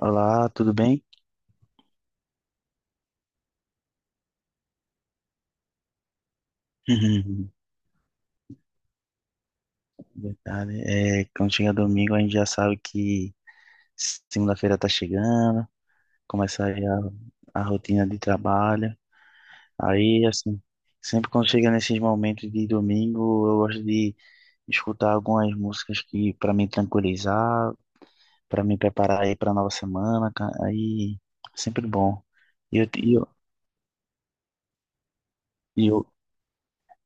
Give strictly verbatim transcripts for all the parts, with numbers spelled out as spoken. Olá, tudo bem? Verdade. É, quando chega domingo, a gente já sabe que segunda-feira tá chegando, começa aí a, a rotina de trabalho. Aí, assim, sempre quando chega nesses momentos de domingo, eu gosto de escutar algumas músicas que para me tranquilizar, para me preparar aí para nova semana. ca- Aí, sempre bom. E eu, e eu,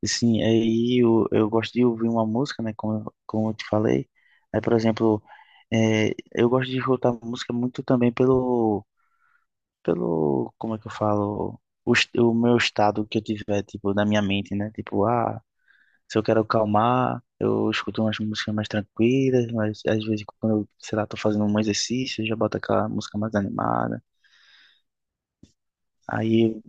Sim, aí eu, eu gosto de ouvir uma música, né? Como, eu- como eu te falei. Aí, por exemplo, é, eu gosto de escutar música muito também pelo, pelo, como é que eu falo? O, est- o meu estado que eu tiver, tipo, na minha mente, né? Tipo, ah, se eu quero acalmar, eu escuto umas músicas mais tranquilas, mas às vezes quando eu, sei lá, tô fazendo um exercício, eu já boto aquela música mais animada. Aí,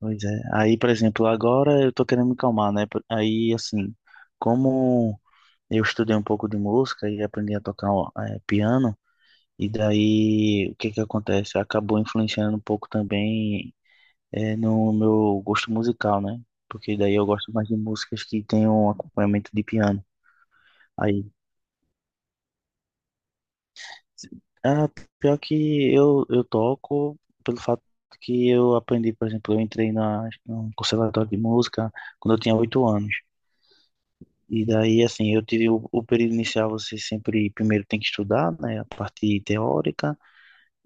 pois é. Aí, por exemplo, agora eu tô querendo me calmar, né? Aí, assim, como. Eu estudei um pouco de música e aprendi a tocar ó, eh, piano, e daí o que que acontece? Acabou influenciando um pouco também eh, no meu gosto musical, né? Porque daí eu gosto mais de músicas que tenham um acompanhamento de piano. Aí, ah, pior que eu, eu toco pelo fato que eu aprendi, por exemplo, eu entrei na, num conservatório de música quando eu tinha oito anos. E daí, assim, eu tive o, o período inicial, você sempre primeiro tem que estudar, né? A parte teórica.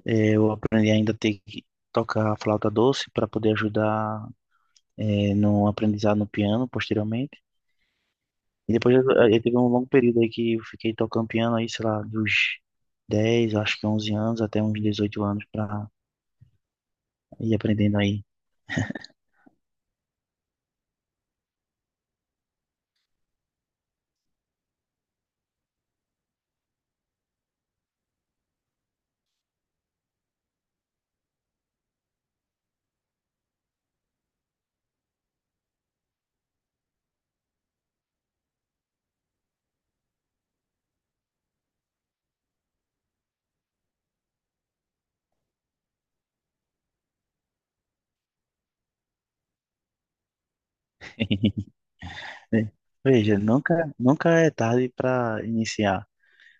Eh, Eu aprendi ainda a ter que tocar flauta doce para poder ajudar eh, no aprendizado no piano posteriormente. E depois eu, eh, eu teve um longo período aí que eu fiquei tocando piano aí, sei lá, dos dez, acho que onze anos até uns dezoito anos para ir aprendendo aí. Né? Veja, nunca, nunca é tarde para iniciar.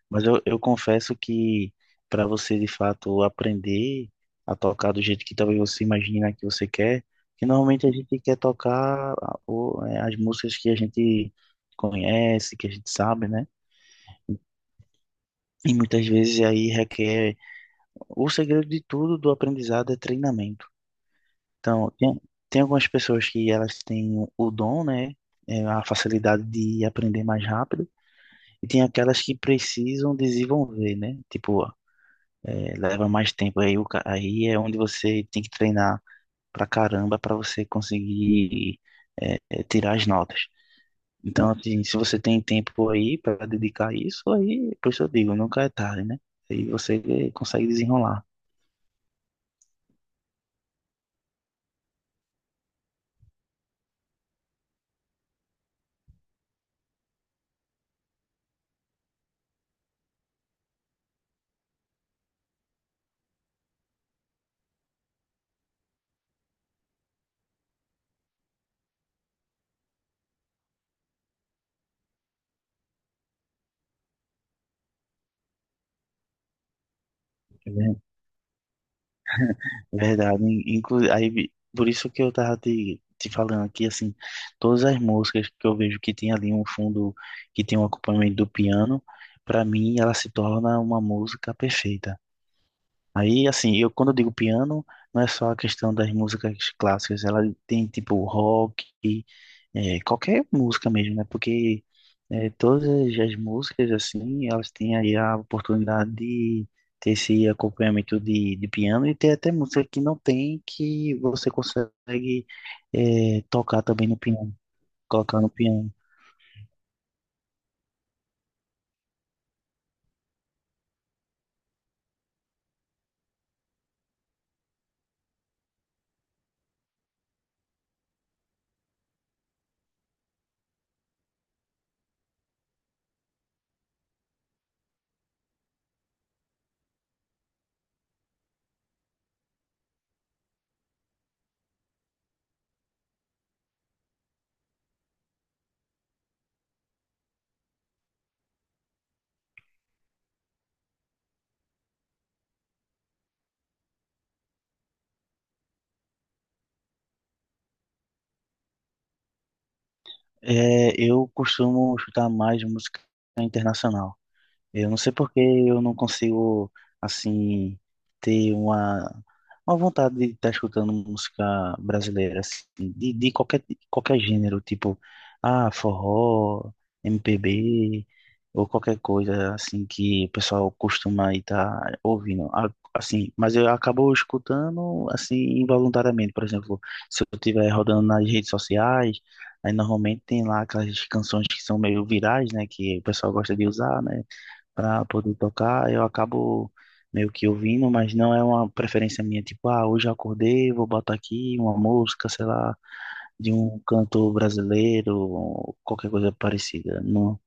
Mas eu, eu confesso que para você de fato aprender a tocar do jeito que talvez você imagina que você quer, que normalmente a gente quer tocar a- o- é, as músicas que a gente conhece, que a gente sabe, né? E muitas vezes aí requer. O segredo de tudo do aprendizado é treinamento. Então, tem, tem algumas pessoas que elas têm o dom, né? É, a facilidade de aprender mais rápido, e tem aquelas que precisam desenvolver, né? Tipo, é, leva mais tempo. Aí, o ca- aí é onde você tem que treinar pra caramba pra você conseguir é, é, tirar as notas. Então, assim, se você tem tempo aí pra dedicar a isso, aí, por isso eu digo, nunca é tarde, né? Aí você consegue desenrolar. É ver- Verdade. Inclu aí, vi- por isso que eu tava te, te falando aqui, assim, todas as músicas que eu vejo que tem ali um fundo, que tem um acompanhamento do piano, pra mim ela se torna uma música perfeita. Aí, assim, eu quando eu digo piano, não é só a questão das músicas clássicas, ela tem tipo rock, é, qualquer música mesmo, né? Porque é, todas as músicas, assim, elas têm aí a oportunidade de ter esse acompanhamento de, de piano, e tem até música que não tem, que você consegue é, tocar também no piano, colocar no piano. É, eu costumo escutar mais música internacional. Eu não sei porque eu não consigo, assim, ter uma, uma vontade de estar escutando música brasileira, assim, de, de qualquer, qualquer gênero, tipo, ah, forró, M P B, ou qualquer coisa, assim, que o pessoal costuma estar ouvindo. Ah, assim, mas eu acabo escutando, assim, involuntariamente, por exemplo, se eu estiver rodando nas redes sociais, aí normalmente tem lá aquelas canções que são meio virais, né, que o pessoal gosta de usar, né, para poder tocar, eu acabo meio que ouvindo, mas não é uma preferência minha, tipo, ah, hoje eu acordei, vou botar aqui uma música, sei lá, de um cantor brasileiro, qualquer coisa parecida. Não,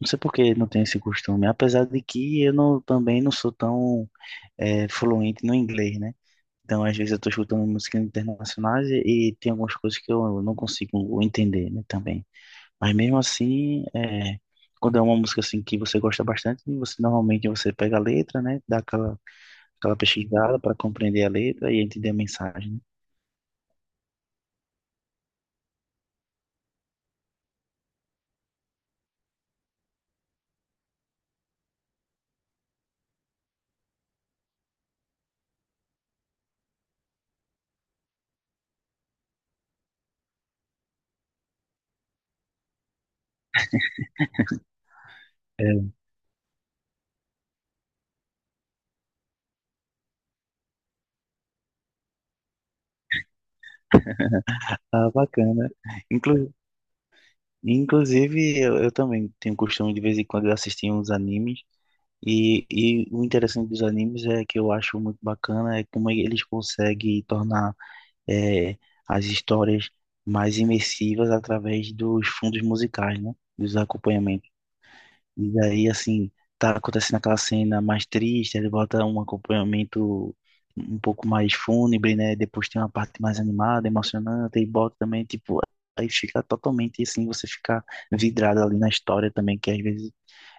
não sei por que não tenho esse costume, apesar de que eu não, também não sou tão eh, fluente no inglês, né? Então, às vezes eu estou escutando músicas internacionais e, e tem algumas coisas que eu não consigo entender, né, também. Mas mesmo assim, é, quando é uma música assim que você gosta bastante, você normalmente você pega a letra, né? Dá aquela, aquela pesquisada para compreender a letra e entender a mensagem, né? É, tá bacana. Inclu- Inclusive, eu, eu também tenho costume de vez em quando de assistir uns animes. E, e o interessante dos animes é que eu acho muito bacana é como eles conseguem tornar é, as histórias mais imersivas através dos fundos musicais, né? Dos acompanhamentos. E daí, assim, tá acontecendo aquela cena mais triste, ele bota um acompanhamento um pouco mais fúnebre, né? Depois tem uma parte mais animada, emocionante, e bota também, tipo, aí fica totalmente assim, você fica vidrado ali na história também, que às vezes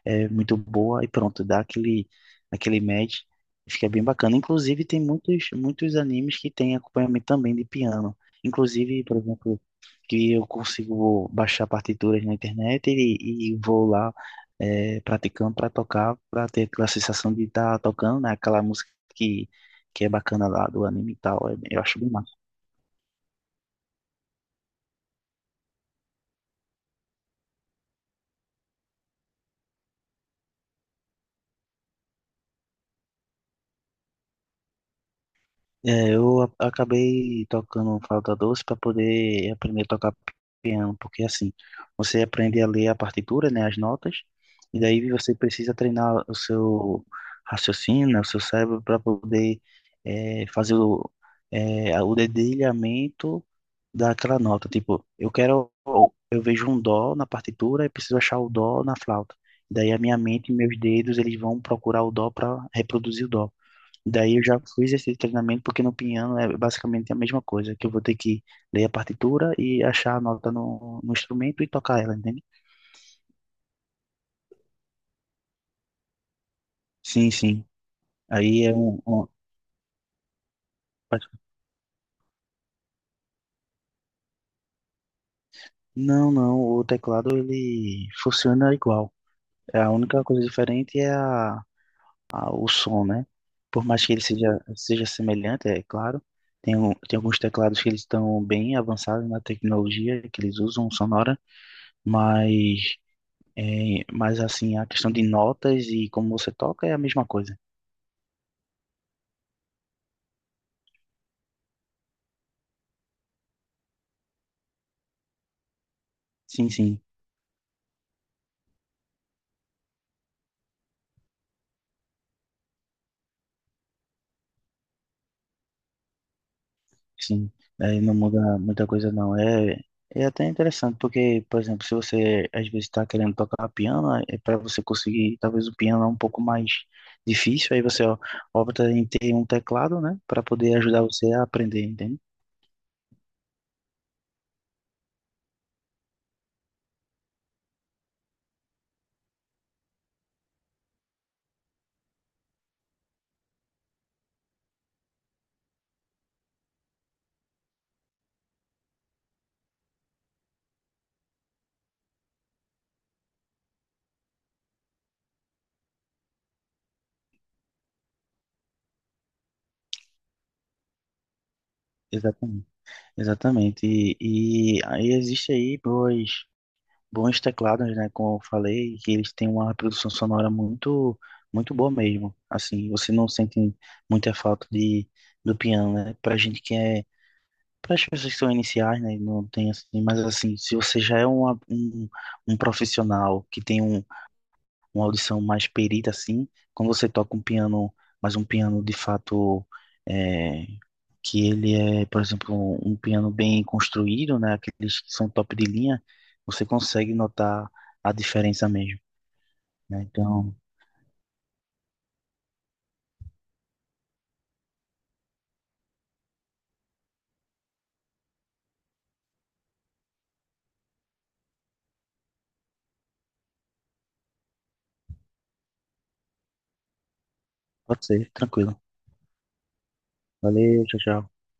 é muito boa e pronto, dá aquele, aquele match e fica bem bacana. Inclusive, tem muitos, muitos animes que tem acompanhamento também de piano. Inclusive, por exemplo, que eu consigo baixar partituras na internet e, e vou lá é, praticando para tocar, para ter aquela sensação de estar tocando, né? Aquela música que, que é bacana lá do anime e tal. É- Eu acho bem massa. É, eu a- acabei tocando flauta doce para poder aprender a tocar piano, porque assim, você aprende a ler a partitura, né, as notas, e daí você precisa treinar o seu raciocínio, né, o seu cérebro para poder é, fazer o, é, o dedilhamento daquela nota. Tipo, eu quero, eu vejo um dó na partitura e preciso achar o dó na flauta. Daí a minha mente e meus dedos, eles vão procurar o dó para reproduzir o dó. Daí eu já fiz esse treinamento porque no piano é basicamente a mesma coisa, que eu vou ter que ler a partitura e achar a nota no, no instrumento e tocar ela, entende? Sim, sim. Aí é um, um- Não, não, o teclado ele funciona igual. É, a única coisa diferente é a, a- o som, né? Por mais que ele seja, seja semelhante, é claro. Tem, um- tem alguns teclados que eles estão bem avançados na tecnologia que eles usam sonora, mas é, mas assim, a questão de notas e como você toca é a mesma coisa. Sim, sim, sim. É, não muda muita coisa não. É, é até interessante, porque, por exemplo, se você às vezes está querendo tocar piano, é para você conseguir, talvez o piano é um pouco mais difícil, aí você ó, opta em ter um teclado, né, para poder ajudar você a aprender, entende? Exatamente. Exatamente. E, e aí existe aí boas, bons teclados, né? Como eu falei, que eles têm uma produção sonora muito, muito boa mesmo. Assim, você não sente muita falta de, do piano, né? Pra gente que é, para as pessoas que são iniciais, né? Não tem assim, mas assim, se você já é uma, um, um profissional que tem um, uma audição mais perita, assim, quando você toca um piano, mas um piano de fato é, que ele é, por exemplo, um piano bem construído, né? Aqueles que são top de linha, você consegue notar a diferença mesmo, né? Então, pode ser, tranquilo. Valeu, tchau, tchau.